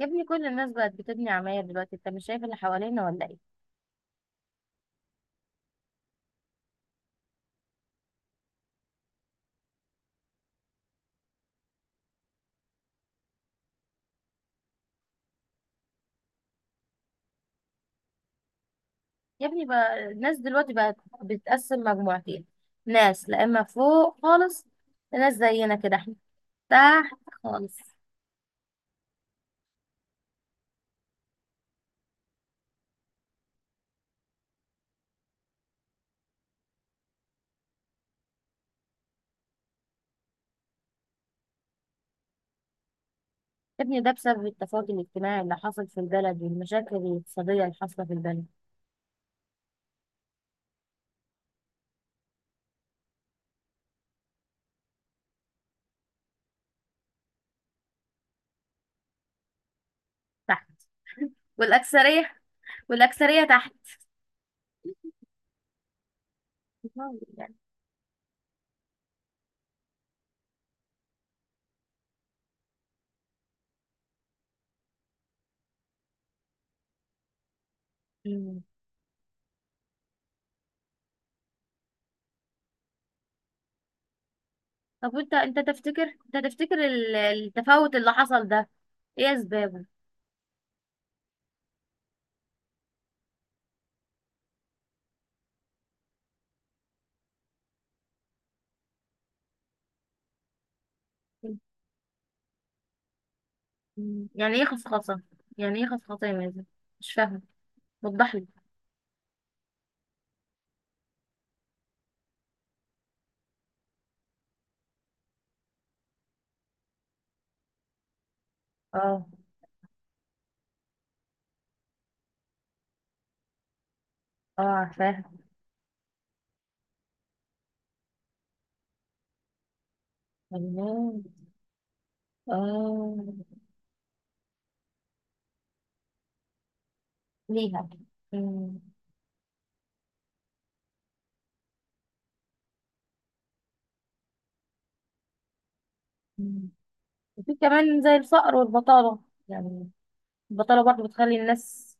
يا ابني، كل الناس بقت بتبني عماير دلوقتي. انت مش شايف اللي حوالينا ولا ايه؟ يا ابني، بقى الناس دلوقتي بقت بتقسم مجموعتين. ناس لا اما فوق خالص، ناس زينا كده احنا تحت خالص. يا ابني، ده بسبب التفاوت الاجتماعي اللي حصل في البلد والمشاكل الاقتصادية اللي حاصلة في البلد. تحت. والأكثرية والأكثرية تحت. يعني. مم. طب، وانت انت تفتكر، انت تفتكر التفاوت اللي حصل ده ايه اسبابه؟ مم. يعني ايه خصخصة؟ يعني ايه خصخصة يا مازن؟ مش فاهمة، وضح لي. اه. اه، عارفاها. الله. اه. ليها. مم. مم. وفي كمان زي الفقر والبطالة، يعني البطالة برضو بتخلي الناس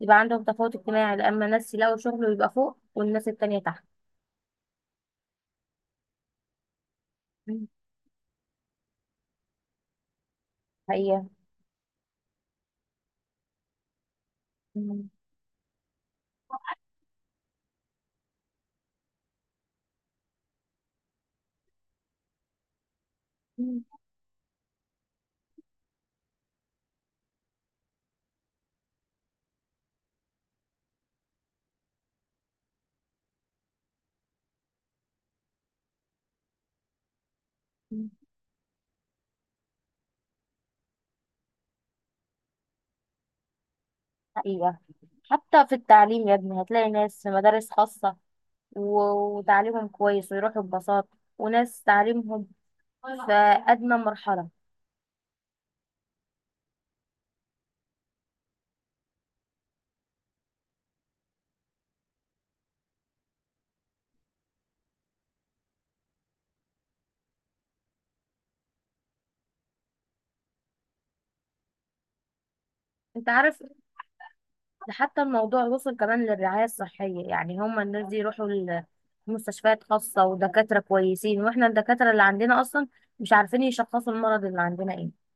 يبقى عندهم تفاوت اجتماعي لأما الناس يلاقوا شغل ويبقى فوق والناس التانية تحت. مم. حقيقة. مم. مم. مم. حقيقة، حتى في التعليم يا ابني هتلاقي ناس في مدارس خاصة وتعليمهم كويس ويروحوا ببساطة، وناس تعليمهم في أدنى مرحلة. أنت عارف، ده حتى الموضوع وصل كمان للرعاية الصحية، يعني هما الناس دي يروحوا لمستشفيات خاصة ودكاترة كويسين، وإحنا الدكاترة اللي عندنا أصلا مش عارفين يشخصوا المرض اللي عندنا إيه.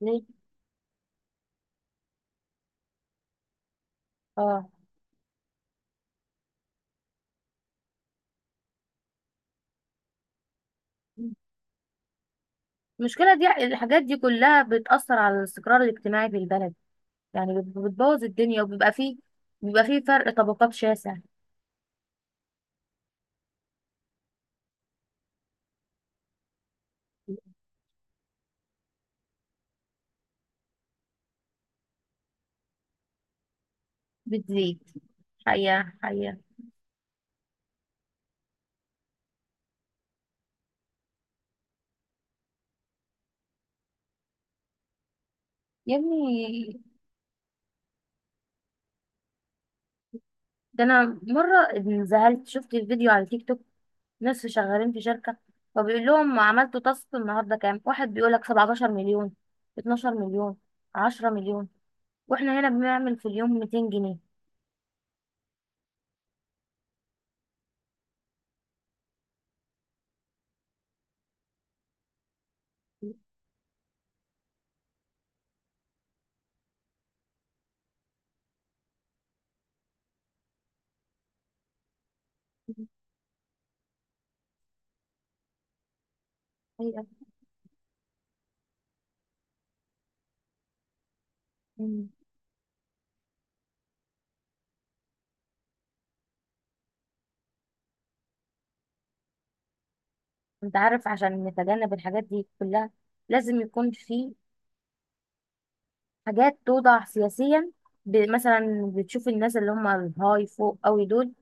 ليه؟ آه. المشكلة دي، الحاجات دي كلها بتأثر على الاستقرار الاجتماعي في البلد. يعني بتبوظ الدنيا، وبيبقى فيه فرق طبقات شاسع. بتزيد. حقيقة، حقيقة. يا ابني، ده أنا مرة انزهلت، شفت الفيديو على تيك توك. نصف شغالين في شركة، فبيقول لهم عملتوا تاسك النهاردة كام، واحد بيقول لك 17 مليون، 12 مليون، 10 مليون، واحنا هنا بنعمل في اليوم 200 جنيه. حقيقة. مم. انت عارف، عشان نتجنب الحاجات دي كلها لازم يكون في حاجات توضع سياسيا. مثلا بتشوف الناس اللي هم الهاي فوق قوي دول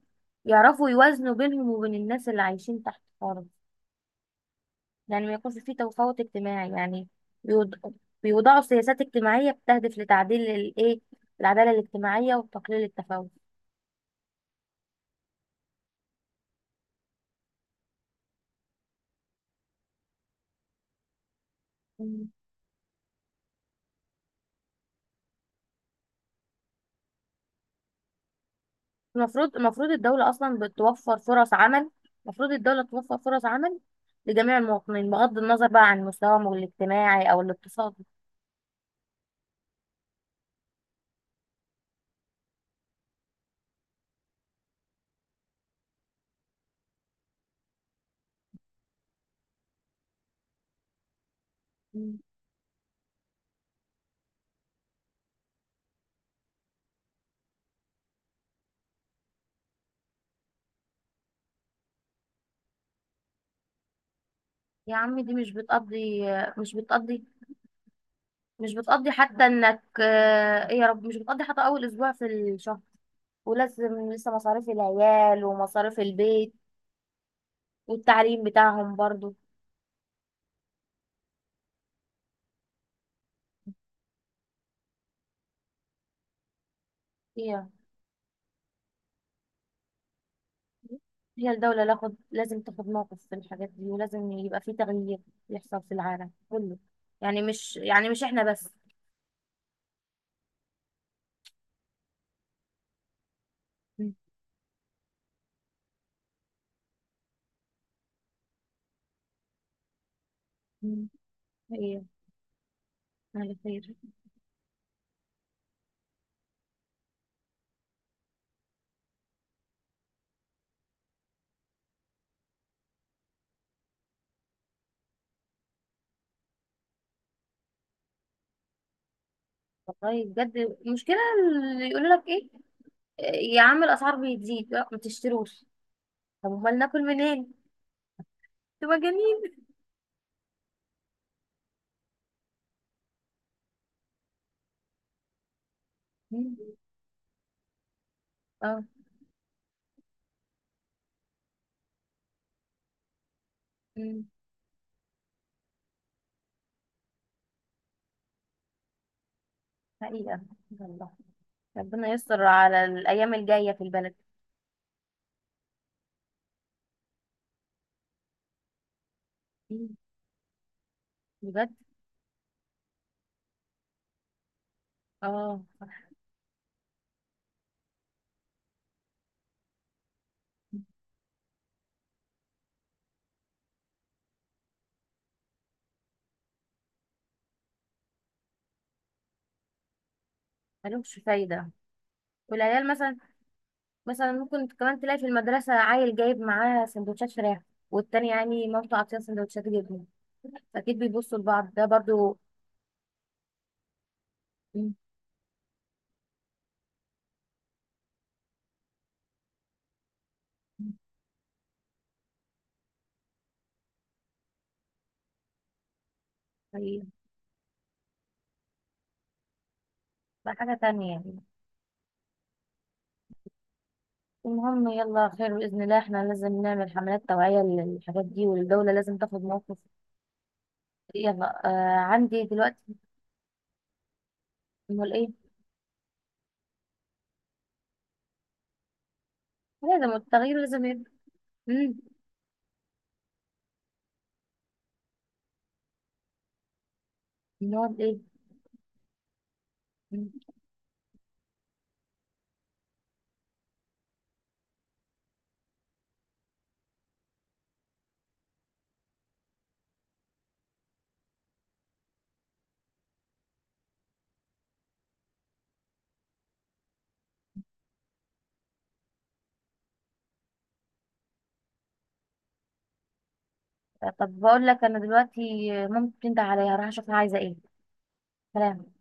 يعرفوا يوازنوا بينهم وبين الناس اللي عايشين تحت خالص، يعني ما يكونش فيه تفاوت اجتماعي، يعني بيوض- بيوضعوا سياسات اجتماعية بتهدف لتعديل الايه، العدالة الاجتماعية وتقليل التفاوت. مم. المفروض الدولة أصلا بتوفر فرص عمل. المفروض الدولة توفر فرص عمل لجميع المواطنين بغض النظر بقى عن مستواهم الاجتماعي أو الاقتصادي. مم. يا عم، دي مش بتقضي. مش بتقضي. مش بتقضي حتى انك ايه يا رب، مش بتقضي حتى اول اسبوع في الشهر، ولازم لسه مصاريف العيال ومصاريف البيت والتعليم بتاعهم برضو. هي هي الدولة لاخد لازم تاخد موقف في الحاجات دي، ولازم يبقى في تغيير يحصل في العالم كله. يعني مش احنا بس. م- م- هي على خير. والله بجد، المشكلة اللي يقول لك ايه، إيه يا عم الأسعار بتزيد لا ما تشتروش، طب امال ناكل منين؟ انتوا مجانين. م- اه. م- حقيقة، والله، ربنا يستر على الأيام الجاية في البلد. م- بجد. اه، ملوش فايدة. والعيال مثلا، ممكن كمان تلاقي في المدرسة عيل جايب معاه سندوتشات فراخ، والتاني يعني مامته عاطيه سندوتشات جبنة، فأكيد بيبصوا لبعض ده برضو. مم. طيب، بقى حاجة تانية يعني. المهم يلا، خير بإذن الله، احنا لازم نعمل حملات توعية للحاجات دي والدولة لازم تاخد موقف. يلا، عندي دلوقتي. امال ايه. لازم التغيير لازم يبقى. مم. امال ايه. مم. طب بقول لك، انا دلوقتي مامتي بتنده عليا، هروح اشوفها عايزة ايه. سلام.